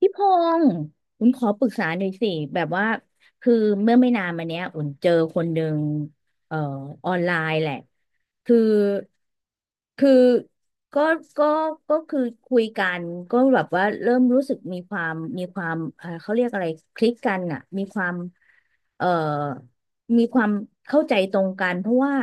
พี่พงศ์อุ่นขอปรึกษาหน่อยสิแบบว่าคือเมื่อไม่นานมาเนี้ยอุ่นเจอคนหนึ่งเอ่อออนไลน์แหละ คือคือก็ก็ก็คือคุยกันก็แบบว่าเริ่มรู้สึกมีความมีความเขาเรียกอะไรคลิกกันอ่ะมีความเอ่อมีความเข้าใจตรงกัน เพราะว่า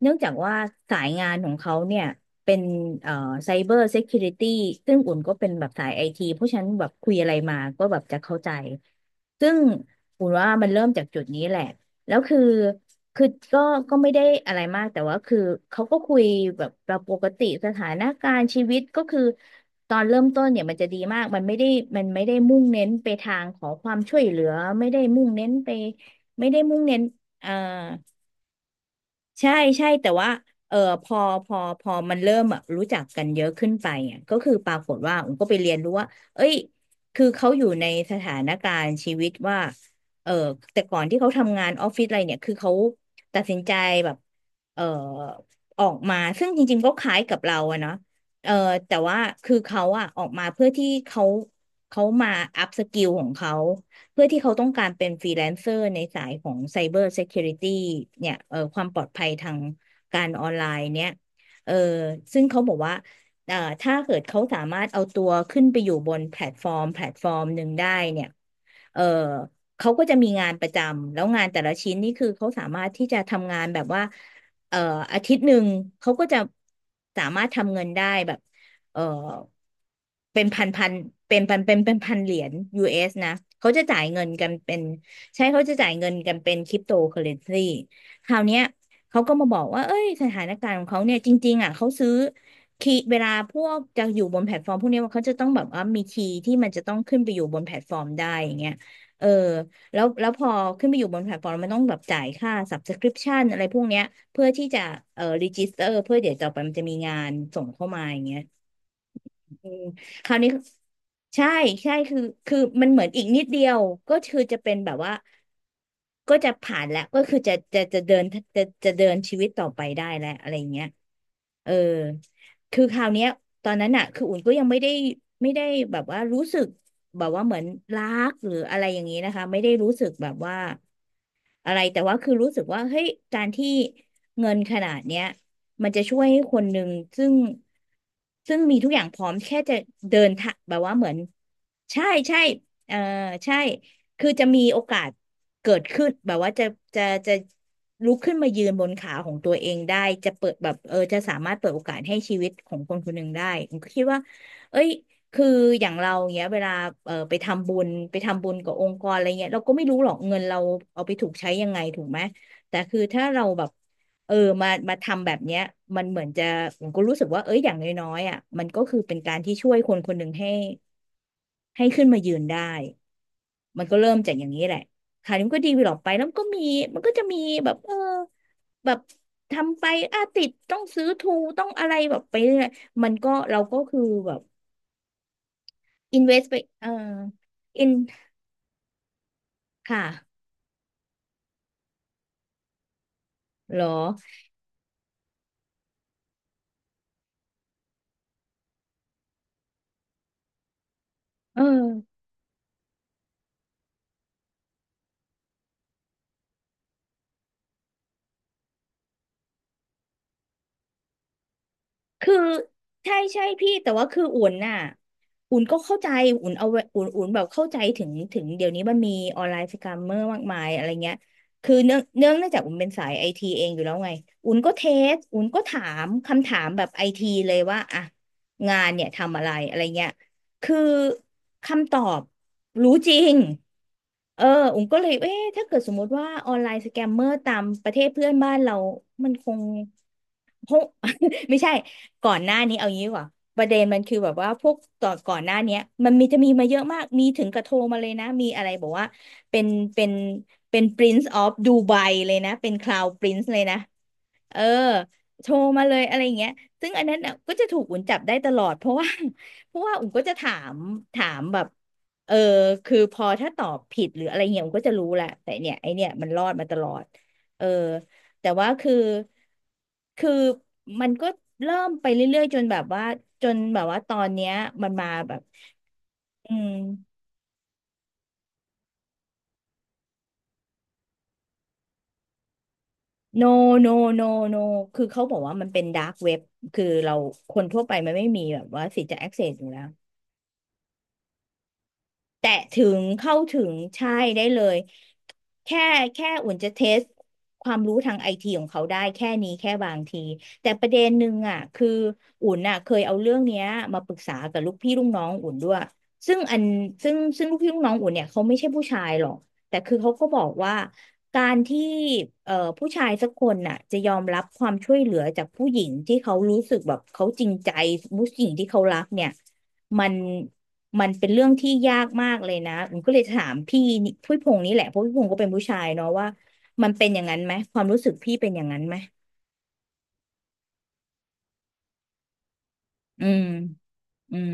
เนื่องจากว่าสายงานของเขาเนี่ยเป็นเอ่อไซเบอร์เซ u ูริตี้ซึ่งอุ่นก็เป็นแบบสายไอทีเพราะฉะนั้นแบบคุยอะไรมาก็แบบจะเข้าใจ ซึ่งอุ่นว่ามันเริ่มจากจุดนี้แหละ แล้วคือคือก็ก็ไม่ได้อะไรมากแต่ว่าคือเขาก็คุยแบบเราปกติสถานการณ์ชีวิตก็คือตอนเริ่มต้นเนี่ยมันจะดีมากมันไม่ได้มุ่งเน้นไปทางขอความช่วยเหลือไม่ได้มุ่งเน้นไปไม่ได้มุ่งเน้นเอ่อ ใช่ใช่แต่ว่าเออพอพอมันเริ่มแบบรู้จักกันเยอะขึ้นไปอ่ะก็คือปรากฏว่าผมก็ไปเรียนรู้ว่าเอ้ยคือเขาอยู่ในสถานการณ์ชีวิตว่าเออแต่ก่อนที่เขาทำงานออฟฟิศอะไรเนี่ยคือเขาตัดสินใจแบบเออออกมาซึ่งจริงๆก็คล้ายกับเราอะเนาะเออแต่ว่าคือเขาอะออกมาเพื่อที่เขามาอัพสกิลของเขา เพื่อที่เขาต้องการเป็นฟรีแลนเซอร์ในสายของไซเบอร์เซ u ูริตี้เนี่ยความปลอดภัยทางการออนไลน์เนี่ยเอ่อซึ่งเขาบอกว่าถ้าเกิดเขาสามารถเอาตัวขึ้นไปอยู่บนแพลตฟอร์มหนึ่งได้เนี่ยเอ่อเขาก็จะมีงานประจำแล้วงานแต่ละชิ้นนี่คือเขาสามารถที่จะทำงานแบบว่าเอ่ออาทิตย์หนึ่งเขาก็จะสามารถทำเงินได้แบบ เออเป็นพันพันเป็นพันเป็นพันเหรียญ US นะเขาจะจ่ายเงินกันเป็นใช่เขาจะจ่ายเงินกันเป็นคริปโตเคอเรนซีคราวเนี้ยเขาก็มาบอกว่าเอ้ยสถานการณ์ของเขาเนี่ยจริงๆอ่ะเขาซื้อคีย์เวลาพวกจะอยู่บนแพลตฟอร์มพวกเนี้ยเขาจะต้องแบบว่ามีคีย์ที่มันจะต้องขึ้นไปอยู่บนแพลตฟอร์มได้อย่างเงี้ยเออแล้วพอขึ้นไปอยู่บนแพลตฟอร์มมันต้องแบบจ่ายค่า subscription อะไรพวกเนี้ยเพื่อที่จะregister เพื่อเดี๋ยวต่อไปมันจะมีงานส่งเข้ามาอย่างเงี้ย เออคราวนี้ใช่ใช่คือคือมันเหมือนอีกนิดเดียวก็คือจะเป็นแบบว่าก็จะผ่านแล้วก็คือจะเดินจะจะเดินชีวิตต่อไปได้แล้วอะไรอย่างเงี้ยเออคือคราวเนี้ยตอนนั้นอ่ะคืออุ่นก็ยังไม่ได้ไม่ได้แบบว่ารู้สึกแบบว่าเหมือนรักหรืออะไรอย่างนี้นะคะไม่ได้รู้สึกแบบว่า อะไรแต่ว่าคือรู้สึกว่าเฮ้ยการที่เงินขนาดเนี้ยมันจะช่วยให้คนหนึ่งซึ่งซึ่งมีทุกอย่างพร้อมแค่จะเดินทางแบบว่าเหมือนใช่ใช่เออใช่คือจะมีโอกาสเกิดขึ้นแบบว่าจะจะลุกขึ้นมายืนบนขาของตัวเองได้จะเปิดแบบเออจะสามารถเปิดโอกาสให้ชีวิตของคนคนหนึ่งได้ผมก็คิดว่าเอ้ย คืออย่างเราเงี้ยเวลาเออไปทำบุญกับองค์กรอะไรเงี้ยเราก็ไม่รู้หรอกเงินเราเอาไปถูกใช้ยังไงถูกไหมแต่คือถ้าเราแบบเออมาทำแบบเนี้ยมันเหมือนจะผมก็รู้สึกว่าเอ้ยอย่างน้อยๆอ่ะมันก็คือเป็นการที่ช่วยคนคนหนึ่งให้ให้ขึ้นมายืนได้มันก็เริ่มจากอย่างนี้แหละค่ะนี่มันก็ดีไปหรอกไปแล้วมันก็มีมันก็จะมีแบบเออแบบทำไปอ่ะติดต้องซื้อทูต้องอะไรแบบไปเรื่อยมันก็เราก็คือแบบ อินเวสไปเอออินค่ะเหรอเออคือใช่ใช่พี่แต่ว่าคืออุ่นน่ะอุ่นก็เข้าใจอุ่นเอาอุ่นแบบเข้าใจถึงถึงเดี๋ยวนี้มันมีออนไลน์สแกมเมอร์มากมายอะไรเงี้ยคือเนื่องจากอุ่นเป็นสายไอทีเองอยู่แล้วไงอุ่นก็เทสอุ่นก็ถามคำถามแบบไอทีเลยว่าอ่ะงานเนี่ยทำอะไรอะไรเงี้ย คือคำตอบรู้จริงเอออุ๋มก็เลยเอ๊ะถ้าเกิดสมมติว่าออนไลน์สแกมเมอร์ตามประเทศเพื่อนบ้านเรา มันคงคง ไม่ใช่ ก่อนหน้านี้เอางี้ดีกว่า ประเด็นมันคือแบบว่าพวกต่อนก่อนหน้าเนี้ยมันจะมีมาเยอะมาก มีถึงกระโทรมาเลยนะ มีอะไรบอกว่า เป็น เป็นเป็น Prince of Dubai เลยนะ เป็น Cloud Prince เลยนะ เออโทรมาเลยอะไรอย่างเงี้ยซึ่งอันนั้นน่ะก็จะถูกอุ่นจับได้ตลอดเพราะว่า เพราะว่าอุ่นก็จะถามแบบเออคือพอถ้าตอบผิดหรืออะไรเงี้ยอุ่นก็จะรู้แหละแต่เนี่ยไอเนี่ยมันรอดมาตลอดเออแต่ว่าคือมันก็เริ่มไปเรื่อยๆจนแบบว่าตอนเนี้ยมันมาแบบอืม no no no no คือเขาบอกว่ามันเป็นดาร์กเว็บคือเราคนทั่วไปมันไม่มีแบบว่าสิทธิ์จะ access อยู่แล้ว แตะถึงเข้าถึงใช่ได้เลยแค่แค่อุ่นจะเทสความรู้ทางไอทีของเขาได้แค่นี้แค่บางทีแต่ประเด็นหนึ่งอ่ะคืออุ่นอ่ะเคยเอาเรื่องเนี้ยมาปรึกษากับลูกพี่ลูกน้องอุ่นด้วยซึ่งอันซึ่งซึ่งลูกพี่ลูกน้องอุ่นเนี่ยเขาไม่ใช่ผู้ชายหรอกแต่คือเขาก็บอกว่าการที่ผู้ชายสักคนน่ะจะยอมรับความช่วยเหลือจากผู้หญิงที่เขารู้สึกแบบเขาจริงใจผู้หญิงที่เขารักเนี่ยมัน มันเป็นเรื่องที่ยากมากเลยนะผมก็เลยถามพี่นี่พี่พงษ์นี่แหละเพราะพี่พงษ์ก็เป็นผู้ชายเนาะว่ามันเป็นอย่างนั้นไหมความรู้สึกพี่เป็นอย่างนั้นไหมอืมอืม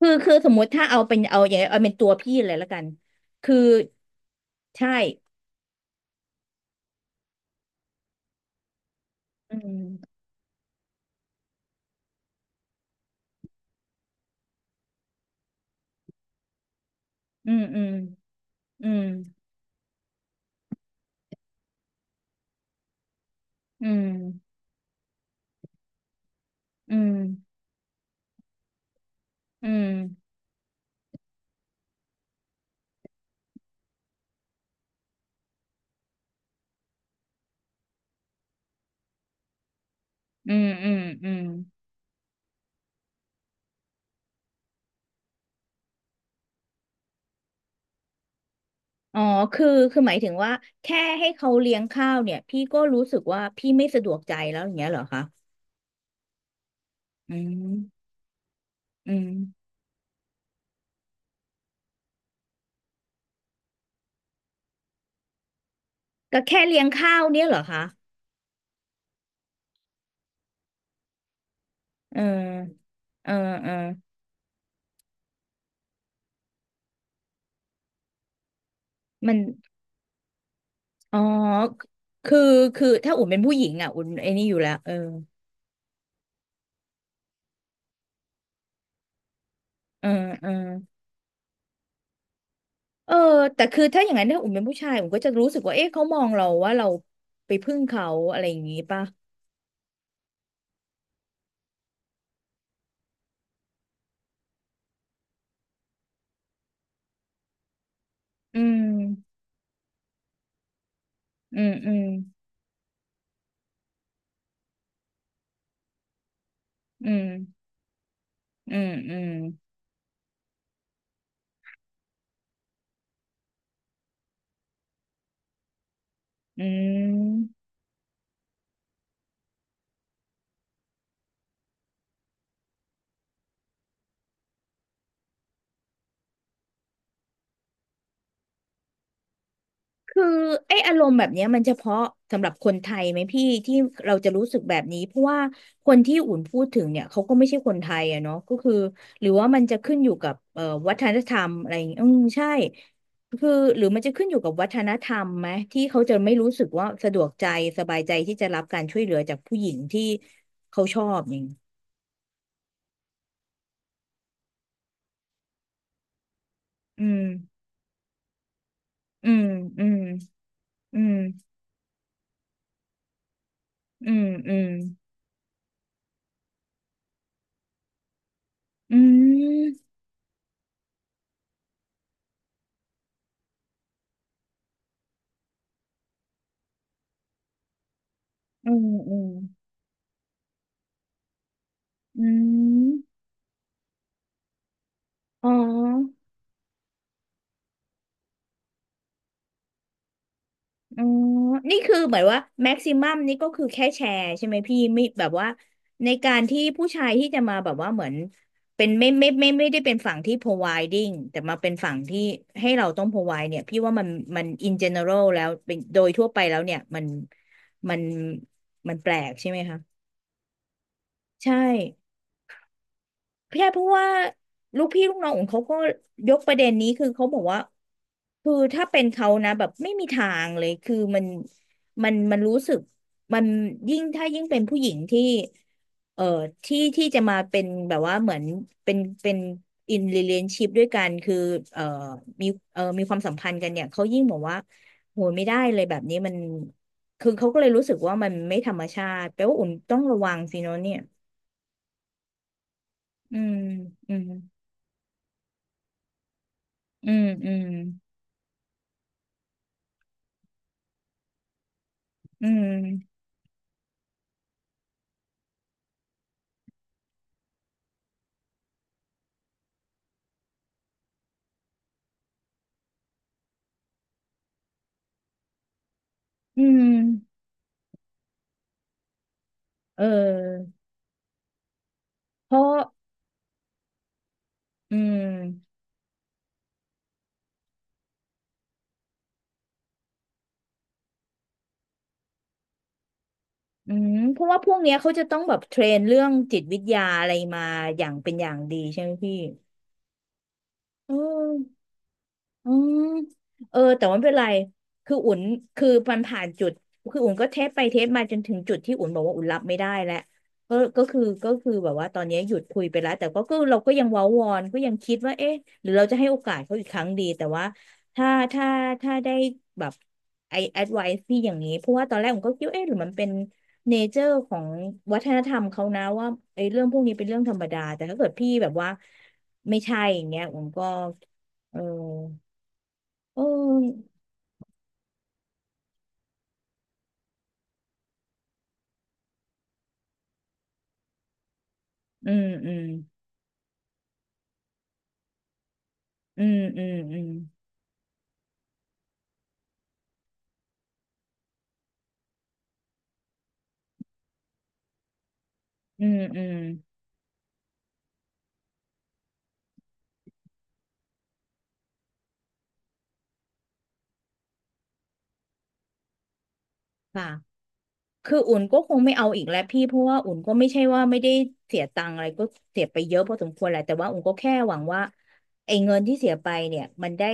คือสมมุติถ้าเอาเป็นตัวพี่เลยละกันคือใช่อืมอืมอืมอืมอืมอืมอืมอืมอืมอืมอ๋อคือคือหมายถึงว่าแค่ให้เขาเลี้ยงข้าวเนี่ยพี่ก็รู้สึกว่าพี่ไม่สะดวกใจแล้วอย่างเงี้ยเหรอคะอืมอืม ก็แค่เลี้ยงข้าวเนี่ยเหรอคะเออเออเออมันอ๋อคือคือถ้าอุ่นเป็นผู้หญิงอ่ะอุ่นไอ้นี่อยู่แล้วเออเออเออเออแต่คือถ้าอย่างนั้นถ้าอุ่นเป็นผู้ชายอุ่นก็จะรู้สึกว่าเอ๊ะเขามองเราว่าเราไปพึ่งเขาอะไรอย่างงี้ป่ะอืมอืมอืมอืมอืมอืมอืม คือไอ้อารมณ์แบบเนี้ยมันเฉพาะสำหรับคนไทยไหมพี่ที่เราจะรู้สึกแบบนี้เพราะว่าคนที่อุ่นพูดถึงเนี่ยเขาก็ไม่ใช่คนไทยอะเนาะก็คือหรือว่ามันจะขึ้นอยู่กับวัฒนธรรมอะไรอย่างเงี้ยอืมใช่คือหรือมันจะขึ้นอยู่กับวัฒนธรรมไหมที่เขาจะไม่รู้สึกว่าสะดวกใจสบายใจที่จะรับการช่วยเหลือจากผู้หญิงที่เขาชอบอย่างงี้อืมอืมอืมอืมอืมอืมอืมอืมอืมอืมอ๋อ อ๋อนี่คือเหมือนว่าแม็กซิมัมนี่ก็คือแค่แชร์ใช่ไหมพี่ไม่แบบว่าในการที่ผู้ชายที่จะมาแบบว่าเหมือนเป็นไม่ได้เป็นฝั่งที่ providing แต่มาเป็นฝั่งที่ให้เราต้อง provide เนี่ยพี่ว่ามัน in general แล้วเป็นโดยทั่วไปแล้วเนี่ยมันมันแปลกใช่ไหมคะใช่ พี่เพราะว่าลูกพี่ลูกน้องของเขาก็ยกประเด็นนี้คือเขาบอกว่าคือถ้าเป็นเขานะแบบไม่มีทางเลยคือมันรู้สึกมันยิ่งถ้ายิ่งเป็นผู้หญิงที่เอ่อที่จะมาเป็นแบบว่าเหมือนเป็นอิน e l a t i ชิพด้วยกันคือเอ่อมีเอ่อมีความสัมพันธ์กันเนี่ยเขายิ่งบอกว่าโหยไม่ได้เลยแบบนี้มันคือเขาก็เลยรู้สึกว่ามันไม่ธรรมชาติแปลว่าอุ่นต้องระวังสิเนอะเนี่ยอืมอืม อืมอืมอืมอืมเออเพราะอืมอืมเพราะว่าพวกเนี้ยเขาจะต้องแบบเทรนเรื่องจิตวิทยาอะไรมาอย่างเป็นอย่างดีใช่ไหมพี่เออ อืมเออแต่ว่าไม่เป็นไรคืออุ่นคือมันผ่านจุดคืออุ่นก็เทสไปเทสมาจนถึงจุดที่อุ่นบอกว่าอุ่นรับไม่ได้แล้วก็คือแบบว่าตอนนี้หยุดคุยไปแล้วแต่ก็เราก็ยังเว้าวอนก็ยังคิดว่าเอ๊ะหรือเราจะให้โอกาสเขาอีกครั้งดีแต่ว่าถ้าถ้าถ้าได้แบบไอแอดไวซ์พี่อย่างนี้เพราะว่าตอนแรกผมก็คิดว่าเอ๊ะหรือมันเป็นเนเจอร์ของวัฒนธรรมเขานะว่าไอ้เรื่องพวกนี้เป็นเรื่องธรรมดาแต่ถ้าเกิดพี่แบบว่าไม่ใช่อย่างเงี้ยผมก็เออ โอ้ยอืมอืมอืมอืมอืมอืมอืมค่ะ คืออุ่นก็คงไม่เอาอีกแล้วพี่เพราะว่าอุ่นก็ไม่ใช่ว่าไม่ได้เสียตังค์อะไรก็เสียไปเยอะพอสมควรแหละแต่ว่าอุ่นก็แค่หวังว่าไอ้เงินที่เสียไปเนี่ยมันได้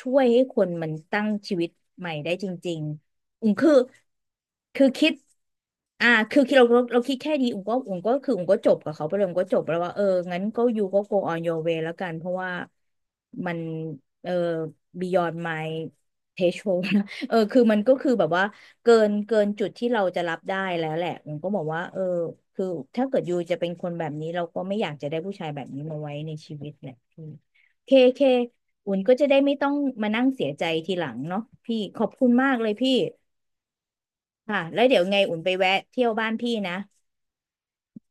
ช่วยให้คนมันตั้งชีวิตใหม่ได้จริงๆอุ่นคือคือคิดอ่าคือคิดเราคิดแค่ดีอุ่นก็จบกับเขาไปเลยอุ่นก็จบแล้วว่าเอองั้นก็ยูก็ go on your way แล้วกันเพราะว่ามันเออ beyond my threshold นะ เออคือมันก็คือแบบว่า เกินจุดที่เราจะรับได้แล้วแหละผมก็บอกว่าเออคือถ้าเกิดยูจะเป็นคนแบบนี้เราก็ไม่อยากจะได้ผู้ชายแบบนี้มาไว้ในชีวิตแหละพี่เคเคอุ่นก็จะได้ไม่ต้องมานั่งเสียใจทีหลังเนาะพี่ขอบคุณมากเลยพี่ค่ะแล้วเดี๋ยวไงอุ่นไปแวะเที่ยวบ้านพี่นะ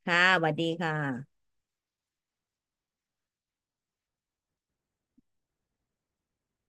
ค่ะสวัสดีค่ะ